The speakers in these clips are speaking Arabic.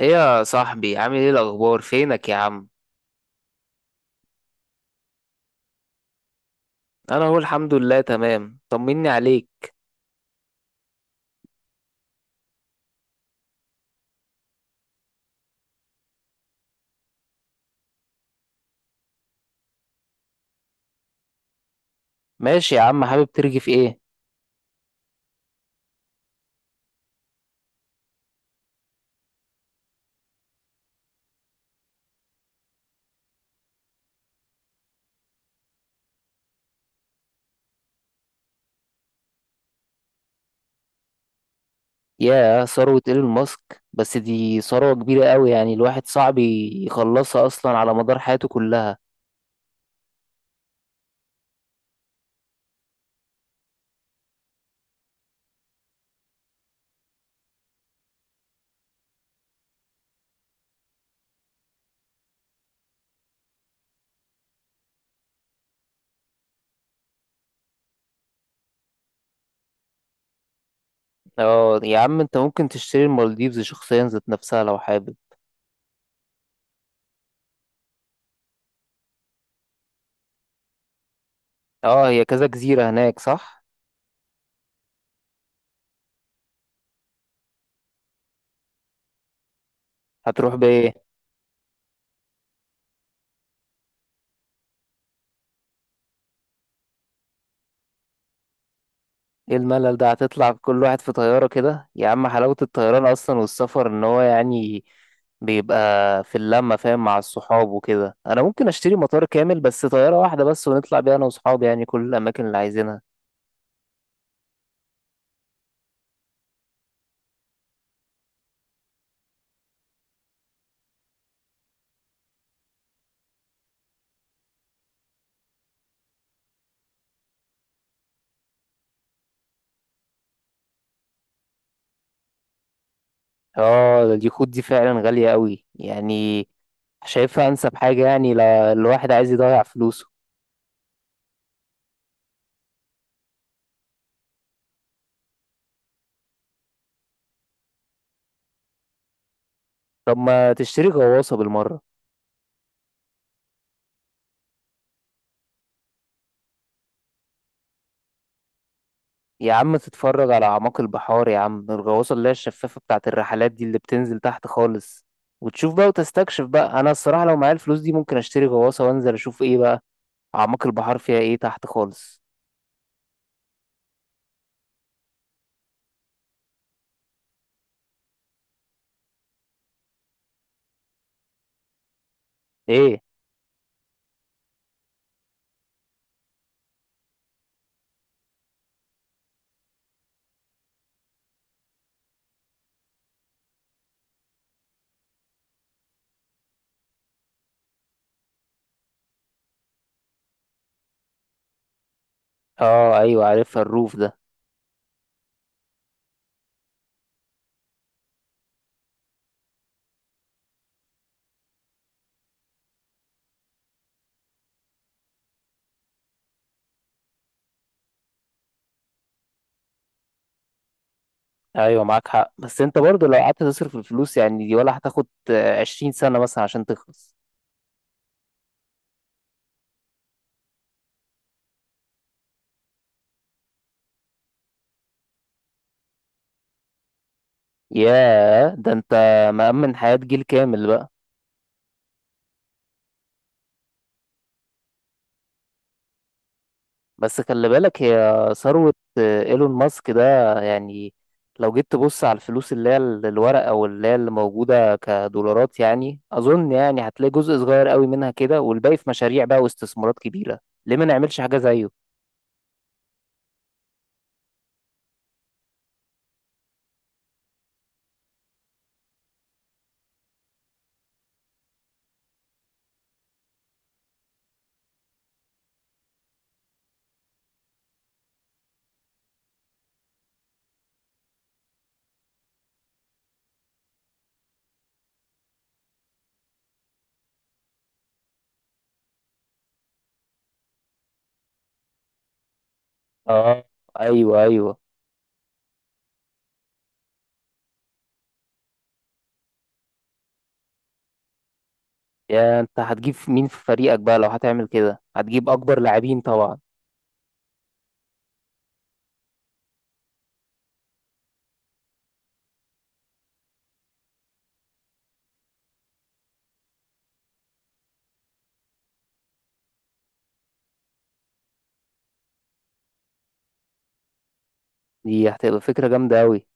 ايه يا صاحبي، عامل ايه؟ الاخبار فينك يا عم؟ انا اهو الحمد لله تمام. طمني عليك. ماشي يا عم، حابب ترغي في ايه؟ يا ثروة ايلون ماسك، بس دي ثروة كبيرة قوي يعني. الواحد صعب يخلصها اصلا على مدار حياته كلها. اه يا عم، انت ممكن تشتري المالديفز شخصيا ذات نفسها لو حابب. اه، هي كذا جزيرة هناك صح؟ هتروح بايه؟ ايه الملل ده؟ هتطلع كل واحد في طيارة كده يا عم؟ حلاوة الطيران اصلا والسفر ان هو يعني بيبقى في اللمة، فاهم، مع الصحاب وكده. انا ممكن اشتري مطار كامل، بس طيارة واحدة بس، ونطلع بيها انا وصحابي يعني كل الاماكن اللي عايزينها. اه، ده اليخوت دي فعلا غالية قوي يعني. شايفها انسب حاجة يعني لو الواحد عايز يضيع فلوسه. طب ما تشتري غواصة بالمرة؟ يا عم تتفرج على أعماق البحار يا عم، الغواصة اللي هي الشفافة بتاعة الرحلات دي اللي بتنزل تحت خالص، وتشوف بقى وتستكشف بقى. أنا الصراحة لو معايا الفلوس دي ممكن أشتري غواصة وأنزل أشوف إيه بقى أعماق البحار فيها إيه تحت خالص. إيه؟ آه، أيوة عارفها، الروف ده. أيوة معاك حق، بس أنت برضو لو قعدت تصرف الفلوس يعني دي، ولا هتاخد عشرين سنة مثلا عشان تخلص. ياه، ده أنت مأمن حياة جيل كامل بقى. بس خلي بالك، هي ثروة ايلون ماسك ده يعني. لو جيت تبص على الفلوس اللي هي الورقة او اللي هي اللي موجودة كدولارات يعني، اظن يعني هتلاقي جزء صغير قوي منها كده، والباقي في مشاريع بقى واستثمارات كبيرة. ليه ما نعملش حاجة زيه؟ اه. ايوه ايوه. يا انت هتجيب مين في فريقك بقى لو هتعمل كده؟ هتجيب اكبر لاعبين طبعا. دي هتبقى فكرة جامدة قوي.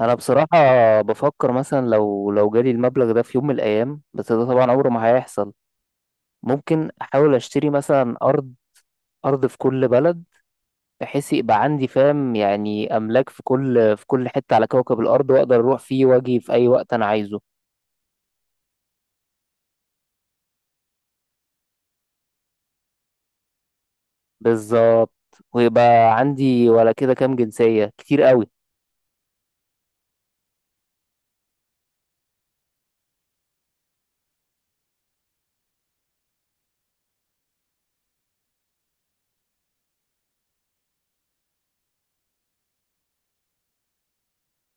انا بصراحة بفكر مثلا لو جالي المبلغ ده في يوم من الايام، بس ده طبعا عمره ما هيحصل. ممكن احاول اشتري مثلا ارض، ارض في كل بلد، بحيث يبقى عندي فاهم يعني، املاك في كل حته على كوكب الارض، واقدر اروح فيه واجي في اي وقت انا عايزه. بالظبط. ويبقى عندي ولا كده كام جنسيه، كتير قوي.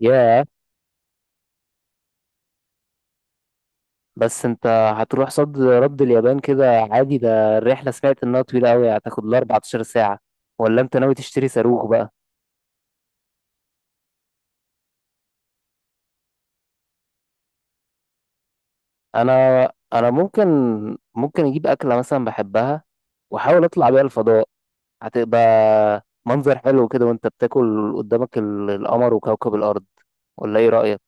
ياه، بس انت هتروح صد رد اليابان كده عادي؟ ده الرحله سمعت انها طويله قوي، هتاخد لها 14 ساعه. ولا انت ناوي تشتري صاروخ بقى؟ انا انا ممكن اجيب اكله مثلا بحبها، واحاول اطلع بيها الفضاء. هتبقى منظر حلو كده وانت بتاكل قدامك القمر وكوكب الارض. ولا ايه رأيك؟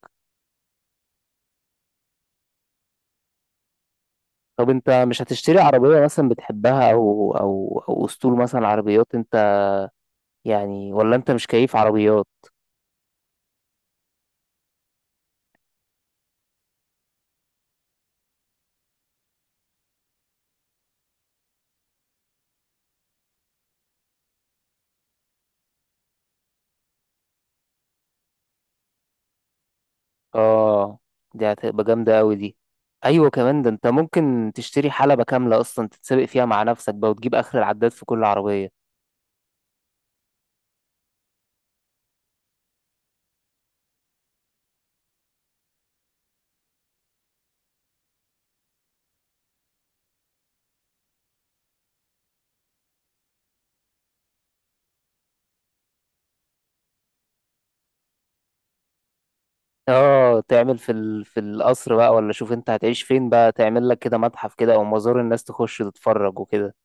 طب انت مش هتشتري عربية مثلا بتحبها او اسطول مثلا عربيات انت يعني؟ ولا انت مش كيف عربيات؟ اه، دي هتبقى جامدة قوي دي. ايوه، كمان ده انت ممكن تشتري حلبة كاملة اصلا تتسابق فيها مع نفسك بقى، وتجيب اخر العداد في كل عربية. اه، تعمل في في القصر بقى، ولا شوف انت هتعيش فين بقى تعمل لك كده متحف كده، او مزار الناس تخش تتفرج وكده.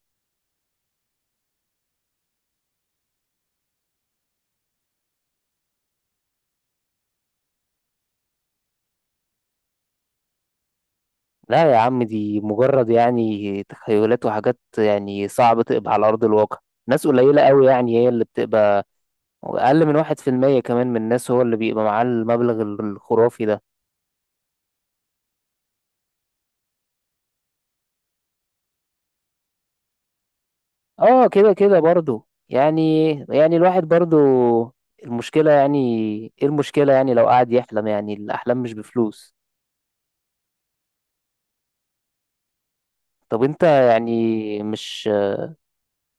لا يا عم، دي مجرد يعني تخيلات وحاجات يعني صعب تقبع على أرض الواقع. ناس قليلة قوي يعني هي اللي بتبقى، أقل من واحد في المية كمان من الناس هو اللي بيبقى معاه المبلغ الخرافي ده. اه، كده كده برضو يعني الواحد برضو المشكلة يعني، ايه المشكلة يعني لو قعد يحلم؟ يعني الأحلام مش بفلوس. طب انت يعني مش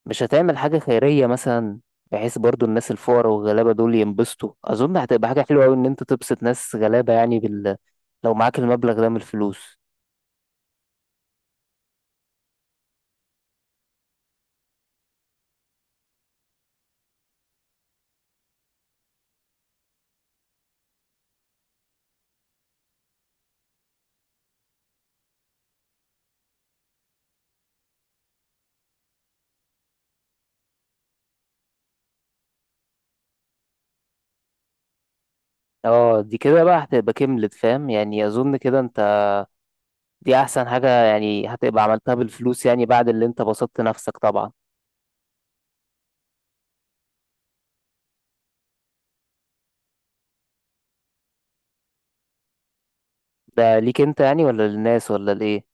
مش هتعمل حاجة خيرية مثلا، بحيث برضو الناس الفقراء والغلابة دول ينبسطوا؟ أظن هتبقى حاجة حلوة أوي إن أنت تبسط ناس غلابة يعني لو معاك المبلغ ده من الفلوس. اه، دي كده بقى هتبقى كملت، فاهم يعني، أظن كده أنت. دي أحسن حاجة يعني هتبقى عملتها بالفلوس يعني، بعد اللي أنت بسطت نفسك طبعا. ده ليك أنت يعني، ولا للناس، ولا لإيه؟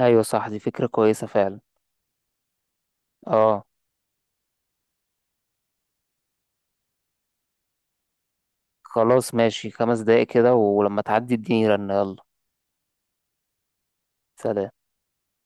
أيوة صح، دي فكرة كويسة فعلا. اه خلاص ماشي، خمس دقايق كده ولما تعدي اديني رنة. يلا سلام.